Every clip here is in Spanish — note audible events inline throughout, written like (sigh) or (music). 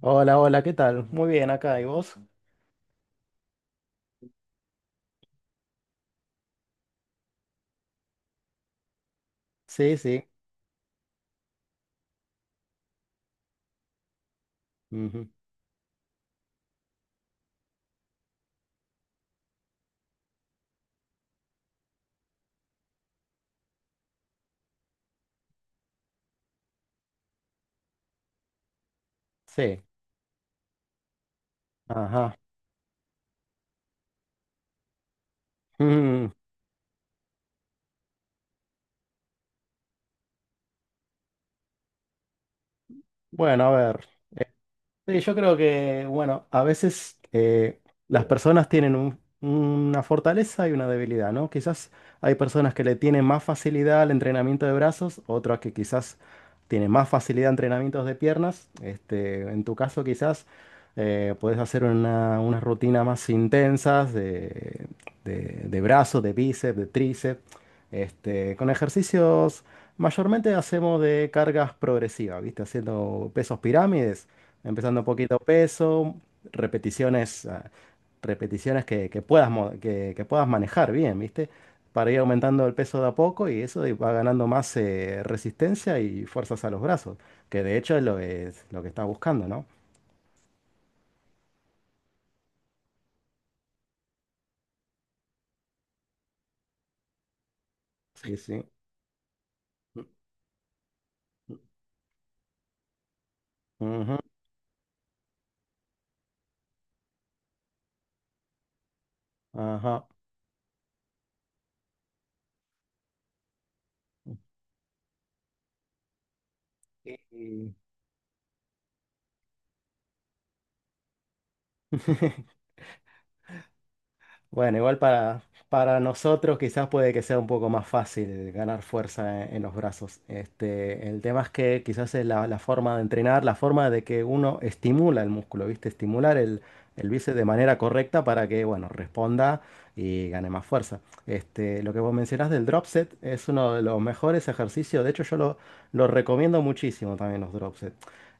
Hola, hola, ¿qué tal? Muy bien acá, ¿y vos? Sí, sí. Ujú. Sí. Ajá. (laughs) Mm. Bueno, a ver. Sí, yo creo que, bueno, a veces las personas tienen una fortaleza y una debilidad, ¿no? Quizás hay personas que le tienen más facilidad al entrenamiento de brazos, otras que quizás tienen más facilidad a entrenamientos de piernas. Este, en tu caso, quizás puedes hacer una rutina más intensas de brazos, de bíceps, de tríceps, este, con ejercicios mayormente hacemos de cargas progresivas, ¿viste? Haciendo pesos pirámides. Empezando un poquito peso, repeticiones, ah, repeticiones que puedas, que puedas manejar bien, ¿viste? Para ir aumentando el peso de a poco y eso y va ganando más resistencia y fuerzas a los brazos, que de hecho es lo que estás buscando, ¿no? Sí, sí. Ujú. Ajá. Y- (laughs) Bueno, igual para nosotros quizás puede que sea un poco más fácil ganar fuerza en los brazos. Este, el tema es que quizás es la forma de entrenar, la forma de que uno estimula el músculo, ¿viste? Estimular el bíceps de manera correcta para que, bueno, responda y gane más fuerza. Este, lo que vos mencionás del drop set es uno de los mejores ejercicios. De hecho, lo recomiendo muchísimo también los drop set.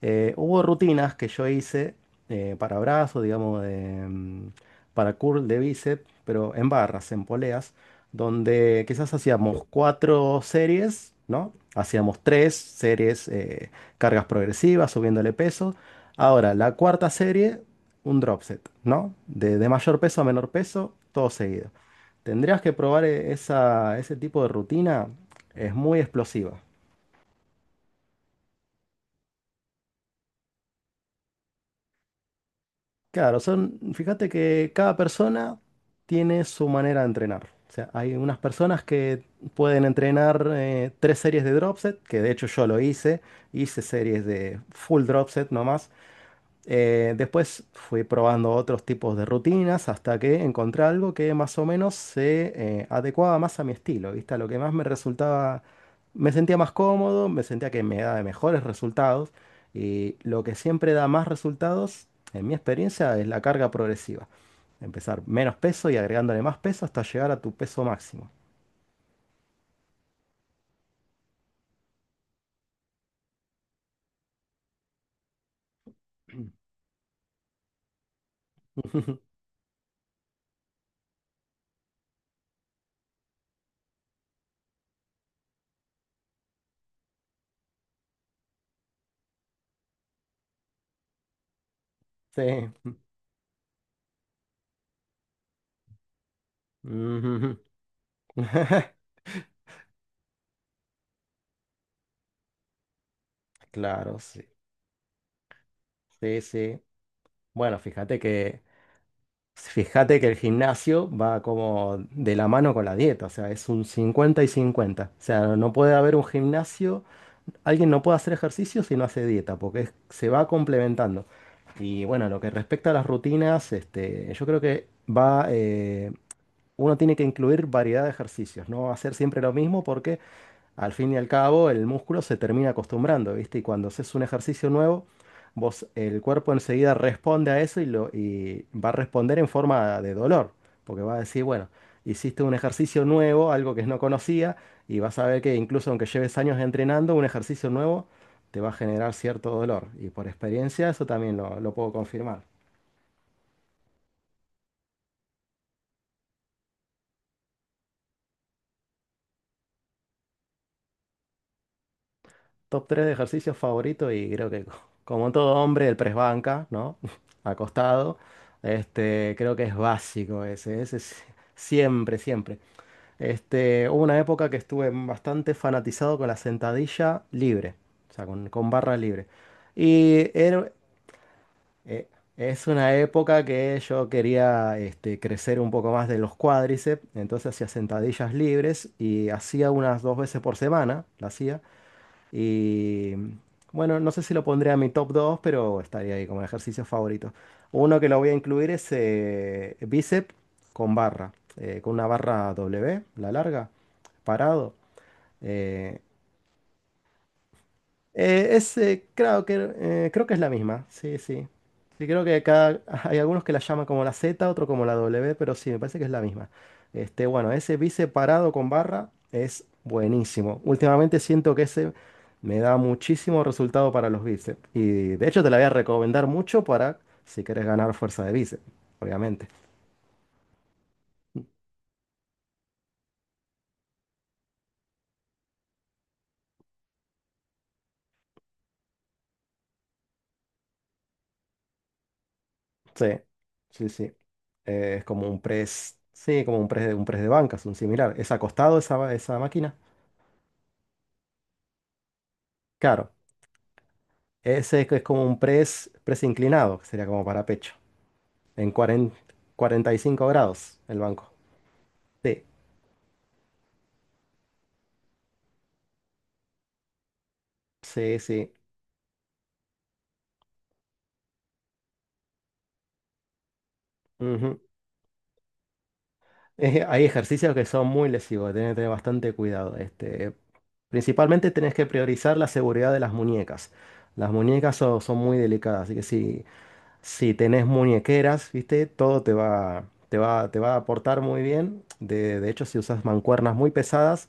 Hubo rutinas que yo hice para brazos, digamos, de... mm, para curl de bíceps, pero en barras, en poleas, donde quizás hacíamos cuatro series, ¿no? Hacíamos tres series, cargas progresivas, subiéndole peso. Ahora, la cuarta serie, un drop set, ¿no? De mayor peso a menor peso, todo seguido. Tendrías que probar esa, ese tipo de rutina, es muy explosiva. Claro, son, fíjate que cada persona tiene su manera de entrenar. O sea, hay unas personas que pueden entrenar tres series de drop set, que de hecho yo lo hice, hice series de full drop set nomás, después fui probando otros tipos de rutinas hasta que encontré algo que más o menos se adecuaba más a mi estilo, ¿viste? A lo que más me resultaba, me sentía más cómodo, me sentía que me daba mejores resultados y lo que siempre da más resultados, en mi experiencia, es la carga progresiva. Empezar menos peso y agregándole más peso hasta llegar a tu peso máximo. (laughs) Sí. Ujú. (laughs) Claro, sí. Sí, sí. Bueno, fíjate que Fíjate que el gimnasio va como de la mano con la dieta, o sea, es un 50 y 50. O sea, no puede haber un gimnasio, alguien no puede hacer ejercicio si no hace dieta, porque se va complementando. Y bueno, lo que respecta a las rutinas, este, yo creo que uno tiene que incluir variedad de ejercicios, no hacer siempre lo mismo porque al fin y al cabo el músculo se termina acostumbrando, ¿viste? Y cuando haces un ejercicio nuevo, vos, el cuerpo enseguida responde a eso y va a responder en forma de dolor, porque va a decir, bueno, hiciste un ejercicio nuevo, algo que no conocía, y vas a ver que incluso aunque lleves años entrenando, un ejercicio nuevo te va a generar cierto dolor. Y por experiencia eso también lo puedo confirmar. Top 3 de ejercicios favoritos y creo que como todo hombre el press banca, ¿no? (laughs) Acostado. Este, creo que es básico ese es siempre, siempre. Este, hubo una época que estuve bastante fanatizado con la sentadilla libre, o sea, con barra libre. Y era- eh, es una época que yo quería este, crecer un poco más de los cuádriceps, entonces hacía sentadillas libres y hacía unas dos veces por semana, la hacía. Y bueno, no sé si lo pondré a mi top 2 pero estaría ahí como ejercicio favorito. Uno que lo voy a incluir es bíceps con barra, con una barra W, la larga, parado. Eh, creo que es la misma, sí, sí. Sí, creo que cada, (laughs) hay algunos que la llaman como la Z, otro como la W, pero sí, me parece que es la misma. Este, bueno, ese bice parado con barra es buenísimo. Últimamente siento que ese me da muchísimo resultado para los bíceps. Y de hecho te la voy a recomendar mucho para si quieres ganar fuerza de bíceps, obviamente. Sí, sí, sí. Es como un press, sí, como un press de bancas, un similar. Es acostado esa, esa máquina. Claro, ese es como un press inclinado, que sería como para pecho, en cuarenta y cinco grados el banco. Sí, sí, sí. Ujú. Hay ejercicios que son muy lesivos, tienes que tener bastante cuidado. Este, principalmente tenés que priorizar la seguridad de las muñecas. Las muñecas son muy delicadas, así que sí, si tenés muñequeras, ¿viste? Todo te va a aportar muy bien. De hecho, si usas mancuernas muy pesadas,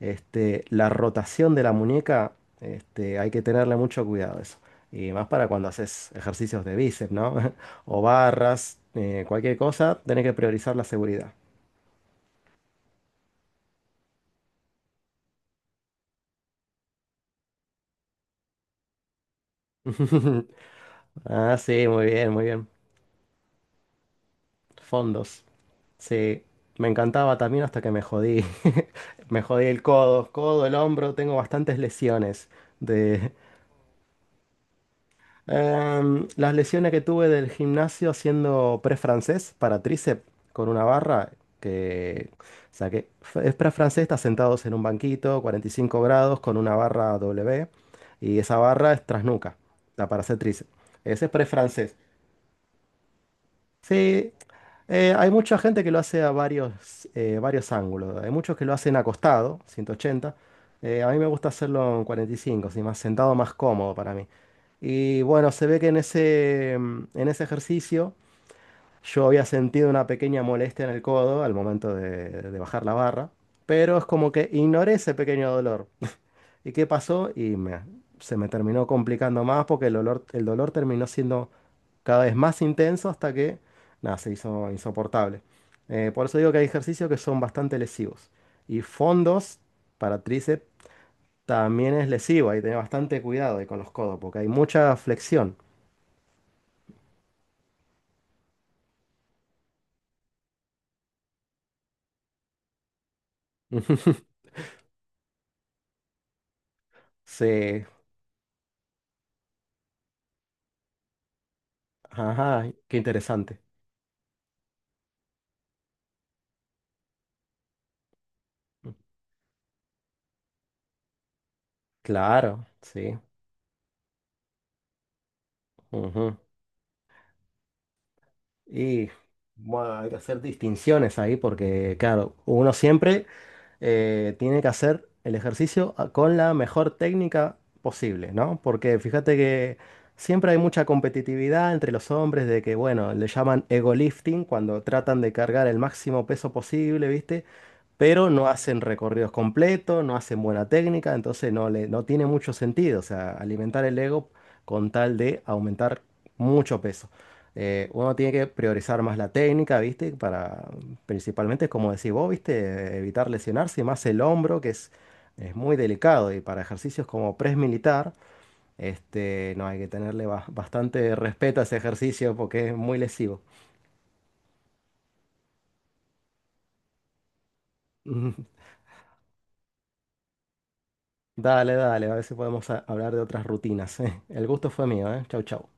este, la rotación de la muñeca, este, hay que tenerle mucho cuidado a eso. Y más para cuando haces ejercicios de bíceps, ¿no? (laughs) O barras, cualquier cosa, tenés que priorizar la seguridad. (laughs) Ah, sí, muy bien, muy bien. Fondos. Sí, me encantaba también hasta que me jodí. (laughs) Me jodí el el hombro. Tengo bastantes lesiones. De, las lesiones que tuve del gimnasio haciendo press francés para tríceps con una barra que saqué. Es press francés, estás sentados en un banquito, 45 grados, con una barra W. Y esa barra es trasnuca, la para hacer tríceps. Ese es press francés. Sí, hay mucha gente que lo hace a varios ángulos. Hay muchos que lo hacen acostado, 180. A mí me gusta hacerlo en 45, así más sentado, más cómodo para mí. Y bueno, se ve que en en ese ejercicio yo había sentido una pequeña molestia en el codo al momento de bajar la barra, pero es como que ignoré ese pequeño dolor. ¿Y qué pasó? Se me terminó complicando más porque el dolor terminó siendo cada vez más intenso hasta que, nada, se hizo insoportable. Por eso digo que hay ejercicios que son bastante lesivos. Y fondos para tríceps también es lesivo. Hay que tener bastante cuidado ahí con los codos porque hay mucha flexión. (laughs) Sí, ajá, qué interesante. Claro, sí. Ujú. Y bueno, hay que hacer distinciones ahí porque, claro, uno siempre tiene que hacer el ejercicio con la mejor técnica posible, ¿no? Porque fíjate que siempre hay mucha competitividad entre los hombres de que, bueno, le llaman ego lifting cuando tratan de cargar el máximo peso posible, ¿viste? Pero no hacen recorridos completos, no hacen buena técnica, entonces no tiene mucho sentido, o sea, alimentar el ego con tal de aumentar mucho peso. Uno tiene que priorizar más la técnica, ¿viste? Para, principalmente, como decís vos, ¿viste? Evitar lesionarse, y más el hombro, que es muy delicado, y para ejercicios como press militar, este, no hay que tenerle bastante respeto a ese ejercicio porque es muy lesivo. (laughs) Dale, dale, a ver si podemos hablar de otras rutinas. (laughs) El gusto fue mío, ¿eh? Chau, chau.